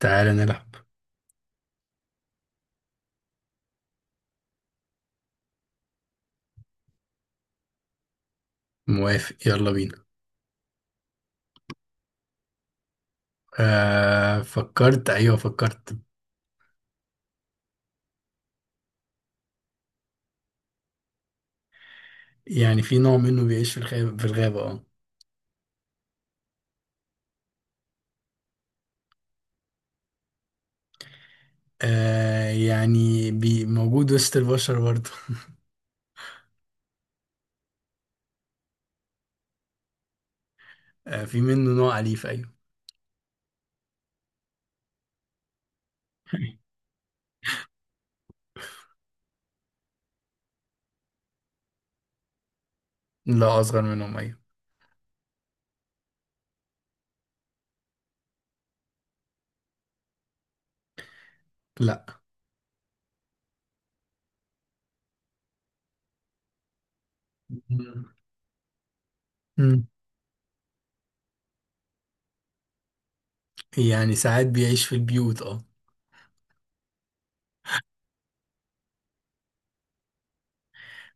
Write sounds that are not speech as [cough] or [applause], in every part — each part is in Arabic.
تعالى نلعب. موافق، يلا بينا. فكرت، ايوه فكرت. يعني في نوع منه بيعيش في الغابة اه. آه، يعني موجود وسط البشر برضه. [laughs] آه، في منه نوع أليف، ايوه. [laughs] لا، أصغر منهم، ايوه. لا. [laughs] مم. مم. يعني ساعات بيعيش في البيوت، اه.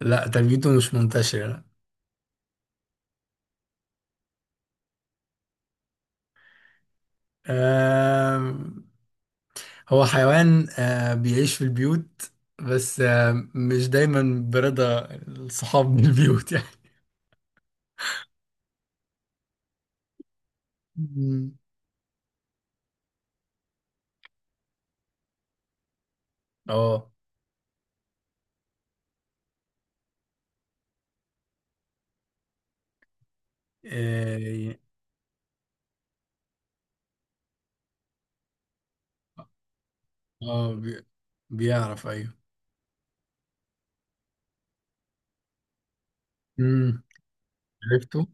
لا، تربيته مش منتشرة، لا. آه، هو حيوان بيعيش في البيوت، بس مش دايما برضا الصحاب من البيوت، [laughs] يعني. مم. اه، اه، آه، بي- بيعرف، ايوه. امم عرفته.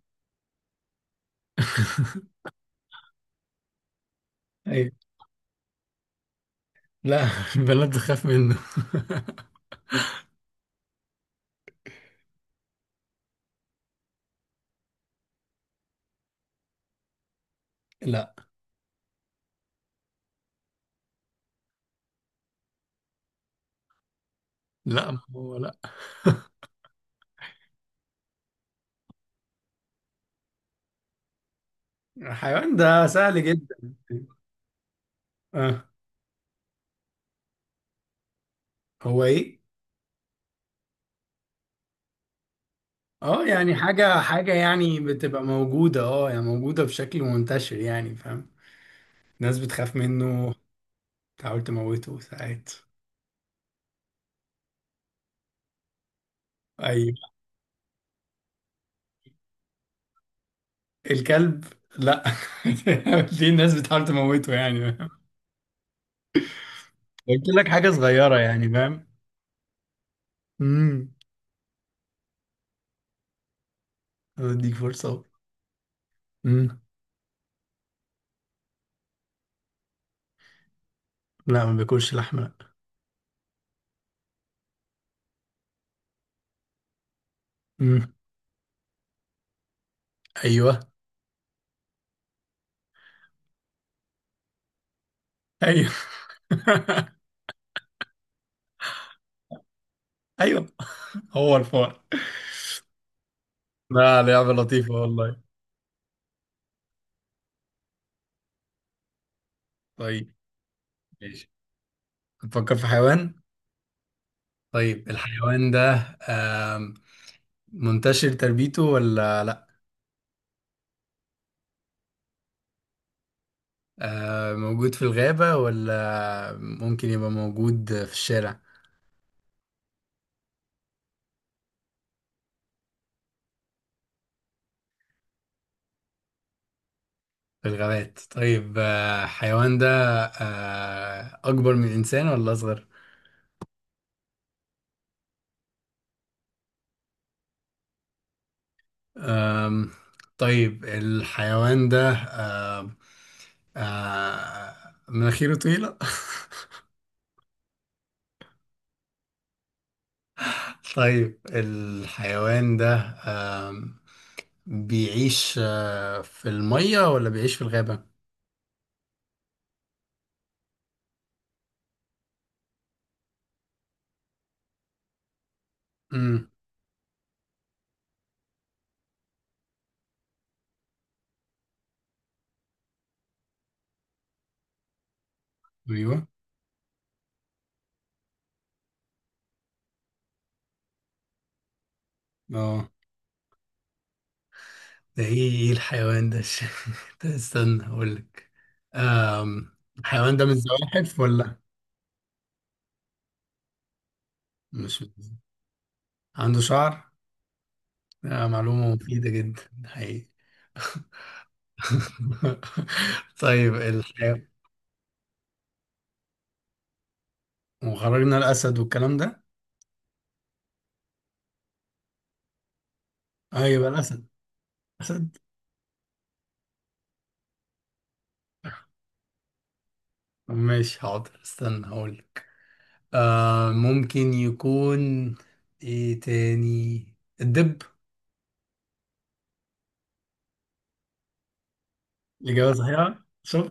[laughs] ايوه. لا، البنات بتخاف منه. لا، لا، ما هو، لا. الحيوان ده سهل جدا. اه، هو ايه. اه، يعني حاجة حاجة، يعني بتبقى موجودة، اه يعني موجودة بشكل منتشر، يعني فاهم. ناس بتخاف منه، بتحاول تموته ساعات. ايوه. الكلب. لا. [laughs] ليه الناس بتحاول تموته يعني؟ قلت لك حاجة صغيرة، يعني فاهم. امم اديك فرصة أهو. امم لا، ما بياكلش لحمة، لا. امم ايوه. ايوه. [laughs] ايوه. هو الفار. لا، لعبة لطيفة والله. طيب ماشي. بتفكر في حيوان. طيب، الحيوان ده آم، منتشر تربيته ولا لا؟ موجود في الغابة ولا ممكن يبقى موجود في الشارع؟ في الغابات. طيب، آه، الحيوان ده أكبر من الإنسان ولا أصغر؟ أم، طيب الحيوان ده أم، آه، مناخيره طويلة. [laughs] طيب الحيوان ده أم، بيعيش في المية ولا بيعيش في الغابة؟ امم ايوه. اه. ده ايه، الحيوان ده؟ [laughs] ده، استنى اقول لك. الحيوان ده من الزواحف ولا مش من- عنده شعر؟ آه، معلومة مفيدة جدا، حقيقي. [laughs] طيب الحيوان. وخرجنا الأسد والكلام ده. اه، يبقى الأسد. أسد. ماشي، حاضر استنى هقولك. آه، ممكن يكون ايه تاني؟ الدب. الإجابة صحيحة، شوف.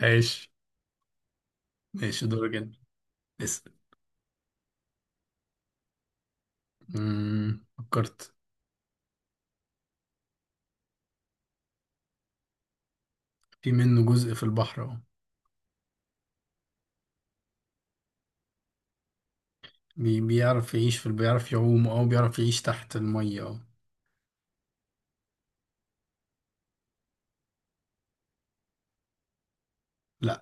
ماشي. ماشي، دورك انت. اسأل. مم، فكرت. في منه جزء في البحر اهو. بيعرف يعوم، او بيعرف يعيش تحت المية اهو. لا.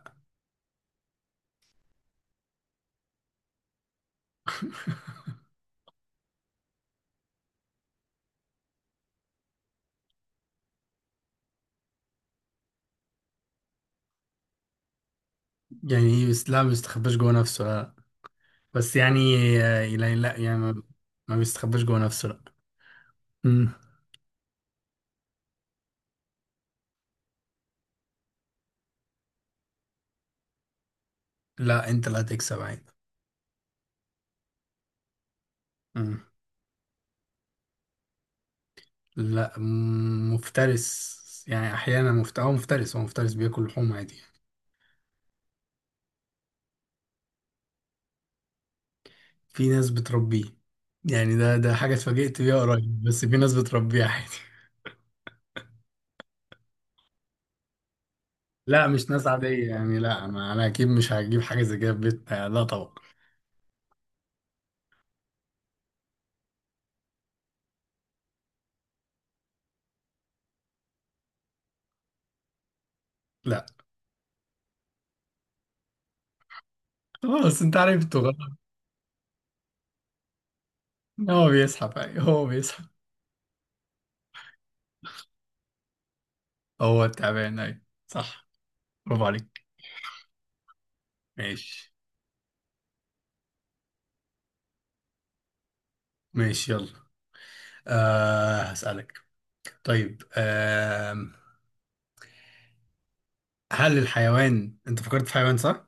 يعني ايه بس؟ لا، ما بيستخباش جوه نفسه، لا، بس يعني آه، لا، لا، ما بيستخباش جوه نفسه، لا. مم. لا، انت اللي هتكسب عادي. مم. لا، مم، مفترس. يعني احيانا مفت... هو مفترس هو مفترس، بياكل لحوم عادي يعني. في ناس بتربيه، يعني ده حاجة اتفاجئت بيها قريب، بس في ناس بتربيه عادي. [laughs] لا، مش ناس عادية، يعني لا، ما انا اكيد مش هجيب حاجة زي كده في بيتنا، لا طبعا. لا. خلاص، انت عرفته غلط. هو بيسحب، اي، هو بيسحب. هو التعبان، اي صح، برافو عليك. ماشي. ماشي، يلا. آه، هسألك. طيب، آه، هل الحيوان انت فكرت في حيوان صح؟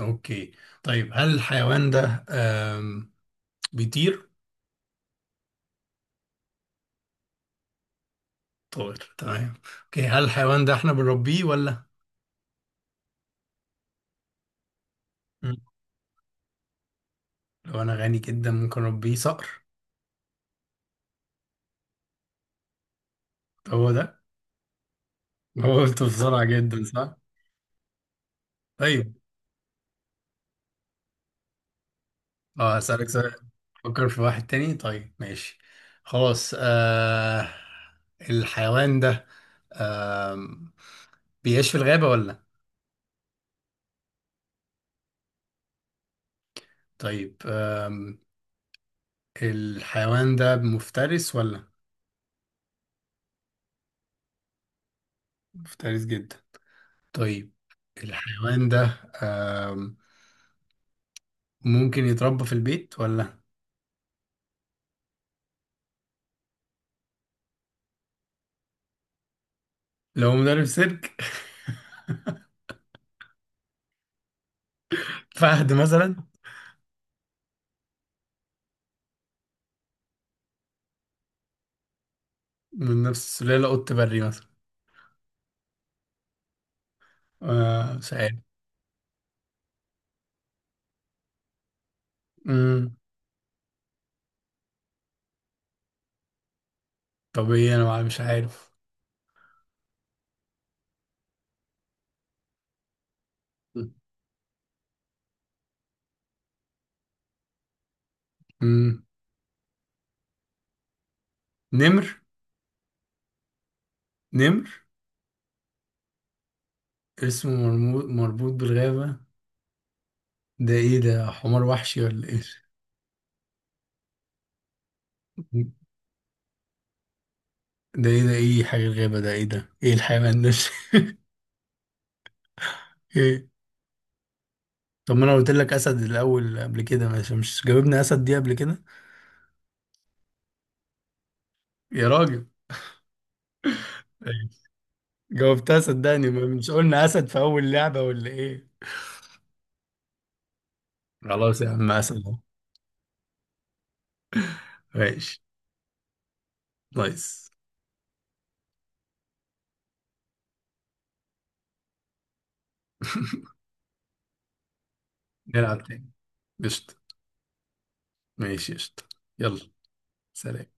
اوكي. طيب، هل الحيوان ده بيطير؟ طائر، تمام. اوكي، هل الحيوان ده احنا بنربيه ولا؟ مم. لو انا غني جدا ممكن اربيه، صقر. هو ده؟ هو قلت بسرعة جدا صح؟ طيب. اه، هسألك سؤال. فكر في واحد تاني. طيب ماشي. خلاص الحيوان ده آم... بيعيش في الغابة ولا؟ طيب الحيوان ده مفترس ولا؟ مفترس جدا. طيب الحيوان ده ممكن يتربى في البيت ولا؟ لو مدرب سيرك. [laughs] فهد مثلا. من نفس السلالة، قط بري مثلا. آه، مش عارف. مم. طب ايه؟ مش عارف. مم. نمر. نمر. اسمه مربوط بالغابة. ده ايه؟ ده حمار وحشي ولا ايه؟ ده ايه؟ ده ايه حاجة الغابة؟ ده ايه؟ ده ايه الحيوان ده؟ [laughs] ايه؟ طب ما انا قلت لك اسد الاول قبل كده، مش جاوبنا اسد دي قبل كده؟ يا راجل، جاوبتها صدقني، ما مش قلنا اسد في اول لعبة ولا ايه؟ خلاص يا عم، اسد أهو. ماشي. نايس. نلعب تاني. قشطة. ماشي قشطة. يلا. سلام.